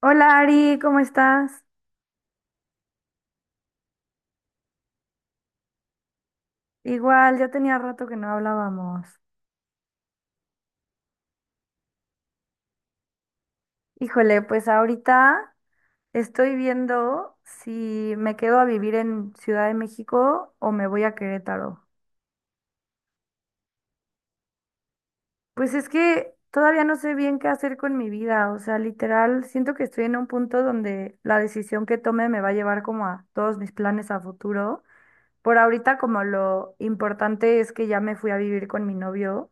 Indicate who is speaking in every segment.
Speaker 1: Hola Ari, ¿cómo estás? Igual, ya tenía rato que no hablábamos. Híjole, pues ahorita estoy viendo si me quedo a vivir en Ciudad de México o me voy a Querétaro. Pues es que todavía no sé bien qué hacer con mi vida, o sea, literal, siento que estoy en un punto donde la decisión que tome me va a llevar como a todos mis planes a futuro. Por ahorita como lo importante es que ya me fui a vivir con mi novio.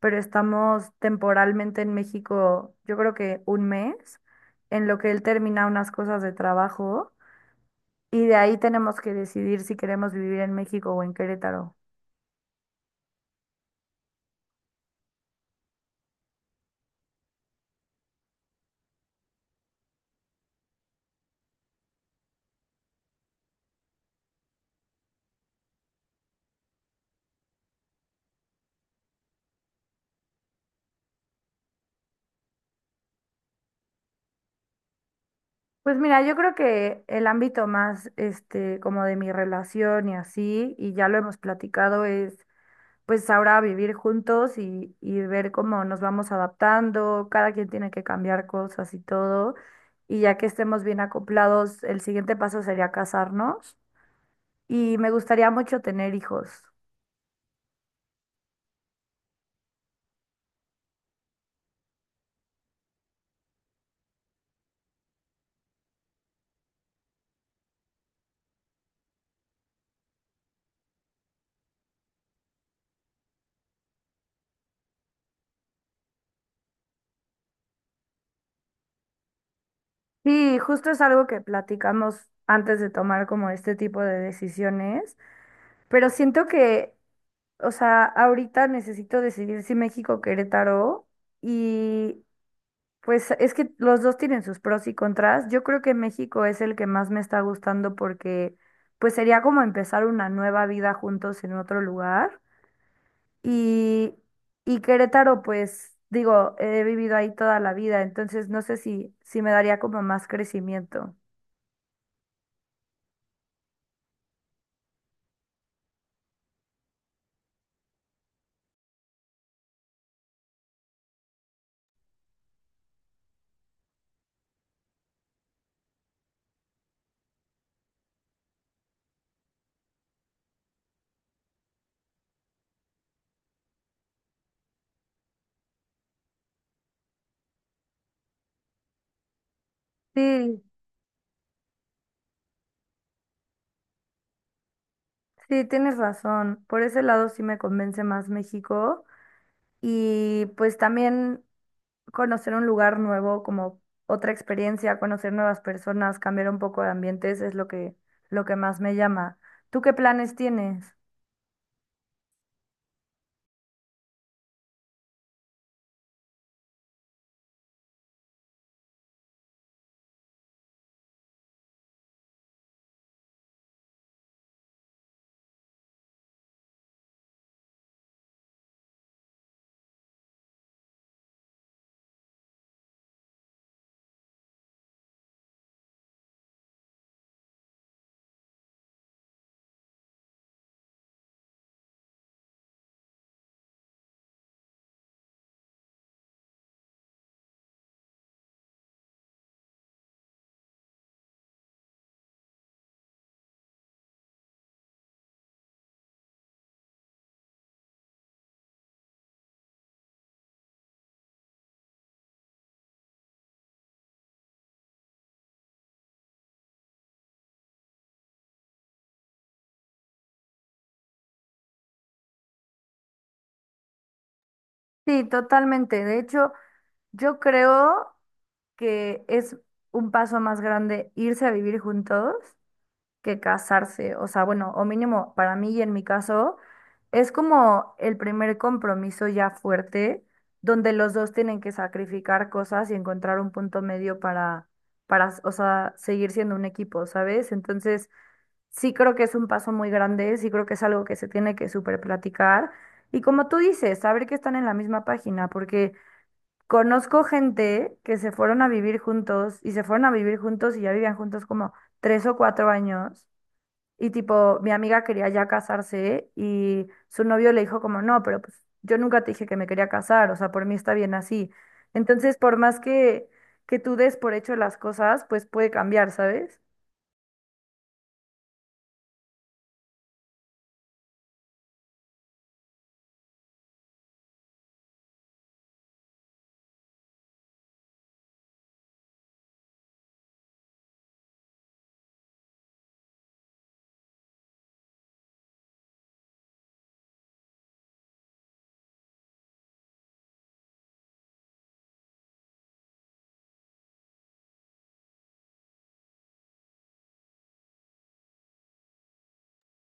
Speaker 1: Pero estamos temporalmente en México, yo creo que un mes, en lo que él termina unas cosas de trabajo y de ahí tenemos que decidir si queremos vivir en México o en Querétaro. Pues mira, yo creo que el ámbito más, como de mi relación y así, y ya lo hemos platicado, es pues ahora vivir juntos y ver cómo nos vamos adaptando, cada quien tiene que cambiar cosas y todo, y ya que estemos bien acoplados, el siguiente paso sería casarnos. Y me gustaría mucho tener hijos. Sí, justo es algo que platicamos antes de tomar como este tipo de decisiones, pero siento que, o sea, ahorita necesito decidir si México o Querétaro y pues es que los dos tienen sus pros y contras. Yo creo que México es el que más me está gustando porque pues sería como empezar una nueva vida juntos en otro lugar. Y, y Querétaro, pues digo, he vivido ahí toda la vida, entonces no sé si me daría como más crecimiento. Sí, sí, tienes razón. Por ese lado sí me convence más México. Y pues también conocer un lugar nuevo, como otra experiencia, conocer nuevas personas, cambiar un poco de ambientes es lo que más me llama. ¿Tú qué planes tienes? Sí, totalmente. De hecho, yo creo que es un paso más grande irse a vivir juntos que casarse. O sea, bueno, o mínimo para mí y en mi caso, es como el primer compromiso ya fuerte, donde los dos tienen que sacrificar cosas y encontrar un punto medio para, o sea, seguir siendo un equipo, ¿sabes? Entonces, sí creo que es un paso muy grande, sí creo que es algo que se tiene que súper platicar. Y como tú dices, saber que están en la misma página, porque. Conozco gente que se fueron a vivir juntos y se fueron a vivir juntos y ya vivían juntos como 3 o 4 años. Y tipo, mi amiga quería ya casarse y su novio le dijo como, no, pero pues yo nunca te dije que me quería casar, o sea, por mí está bien así. Entonces, por más que tú des por hecho las cosas, pues puede cambiar, ¿sabes?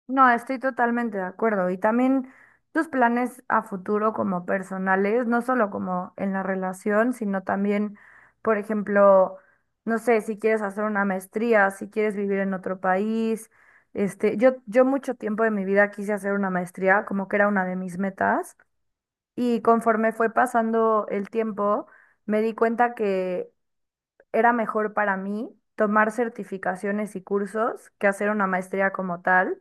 Speaker 1: No, estoy totalmente de acuerdo. Y también tus planes a futuro como personales, no solo como en la relación, sino también, por ejemplo, no sé, si quieres hacer una maestría, si quieres vivir en otro país. Yo mucho tiempo de mi vida quise hacer una maestría, como que era una de mis metas. Y conforme fue pasando el tiempo, me di cuenta que era mejor para mí tomar certificaciones y cursos que hacer una maestría como tal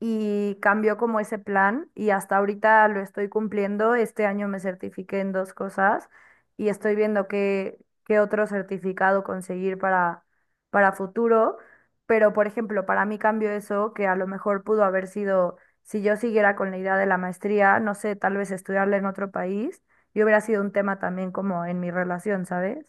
Speaker 1: y cambió como ese plan y hasta ahorita lo estoy cumpliendo. Este año me certifiqué en dos cosas y estoy viendo qué otro certificado conseguir para futuro. Pero, por ejemplo, para mí cambió eso, que a lo mejor pudo haber sido, si yo siguiera con la idea de la maestría, no sé, tal vez estudiarla en otro país, y hubiera sido un tema también como en mi relación, ¿sabes?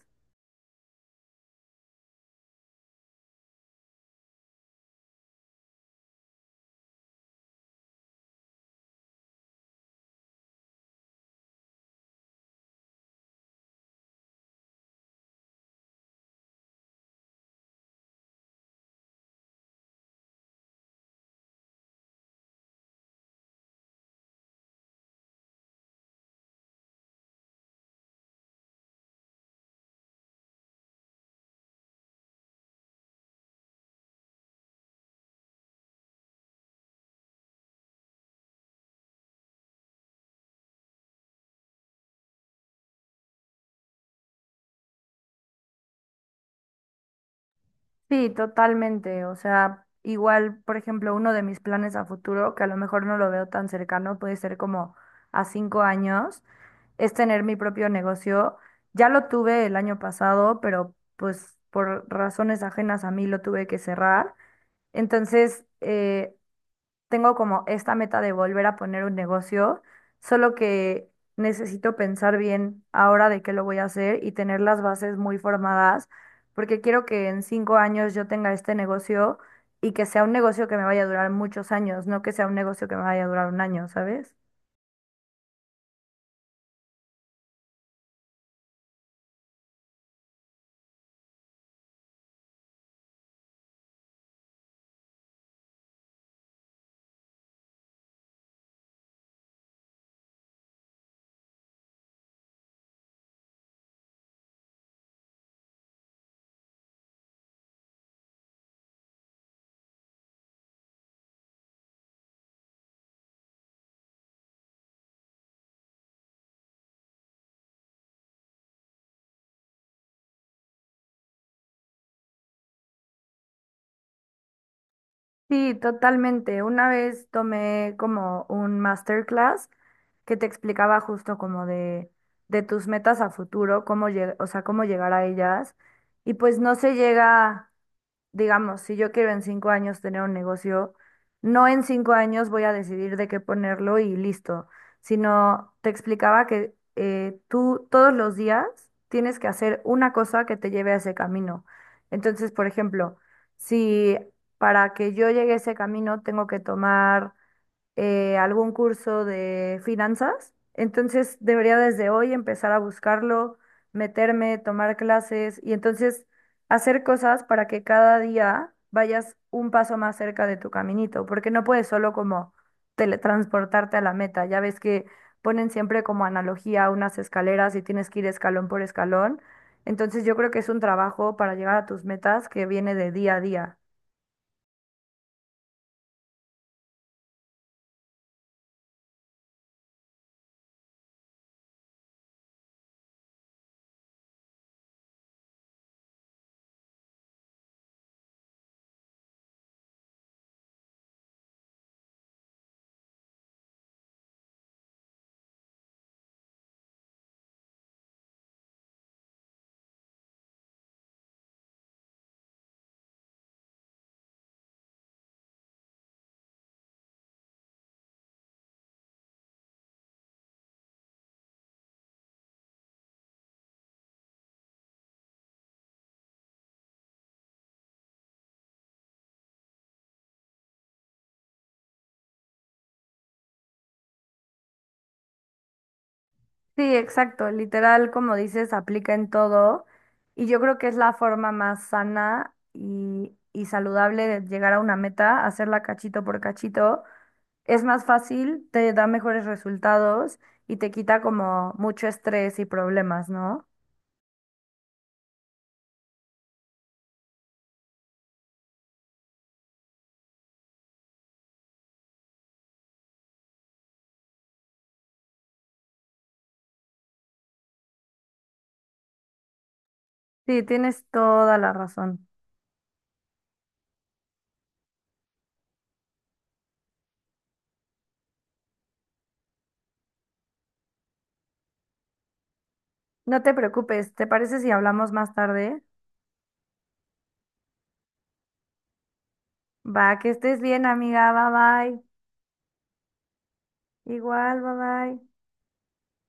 Speaker 1: Sí, totalmente. O sea, igual, por ejemplo, uno de mis planes a futuro, que a lo mejor no lo veo tan cercano, puede ser como a 5 años, es tener mi propio negocio. Ya lo tuve el año pasado, pero pues por razones ajenas a mí lo tuve que cerrar. Entonces, tengo como esta meta de volver a poner un negocio, solo que necesito pensar bien ahora de qué lo voy a hacer y tener las bases muy formadas, porque quiero que en 5 años yo tenga este negocio y que sea un negocio que me vaya a durar muchos años, no que sea un negocio que me vaya a durar un año, ¿sabes? Sí, totalmente. Una vez tomé como un masterclass que te explicaba justo como de tus metas a futuro, o sea, cómo llegar a ellas. Y pues no se llega, digamos, si yo quiero en 5 años tener un negocio, no en cinco años voy a decidir de qué ponerlo y listo, sino te explicaba que tú todos los días tienes que hacer una cosa que te lleve a ese camino. Entonces, por ejemplo, si para que yo llegue a ese camino tengo que tomar algún curso de finanzas. Entonces debería desde hoy empezar a buscarlo, meterme, tomar clases y entonces hacer cosas para que cada día vayas un paso más cerca de tu caminito, porque no puedes solo como teletransportarte a la meta. Ya ves que ponen siempre como analogía unas escaleras y tienes que ir escalón por escalón. Entonces yo creo que es un trabajo para llegar a tus metas que viene de día a día. Sí, exacto. Literal, como dices, aplica en todo. Y yo creo que es la forma más sana y saludable de llegar a una meta, hacerla cachito por cachito. Es más fácil, te da mejores resultados y te quita como mucho estrés y problemas, ¿no? Sí, tienes toda la razón. No te preocupes, ¿te parece si hablamos más tarde? Va, que estés bien, amiga. Bye bye. Igual, bye bye.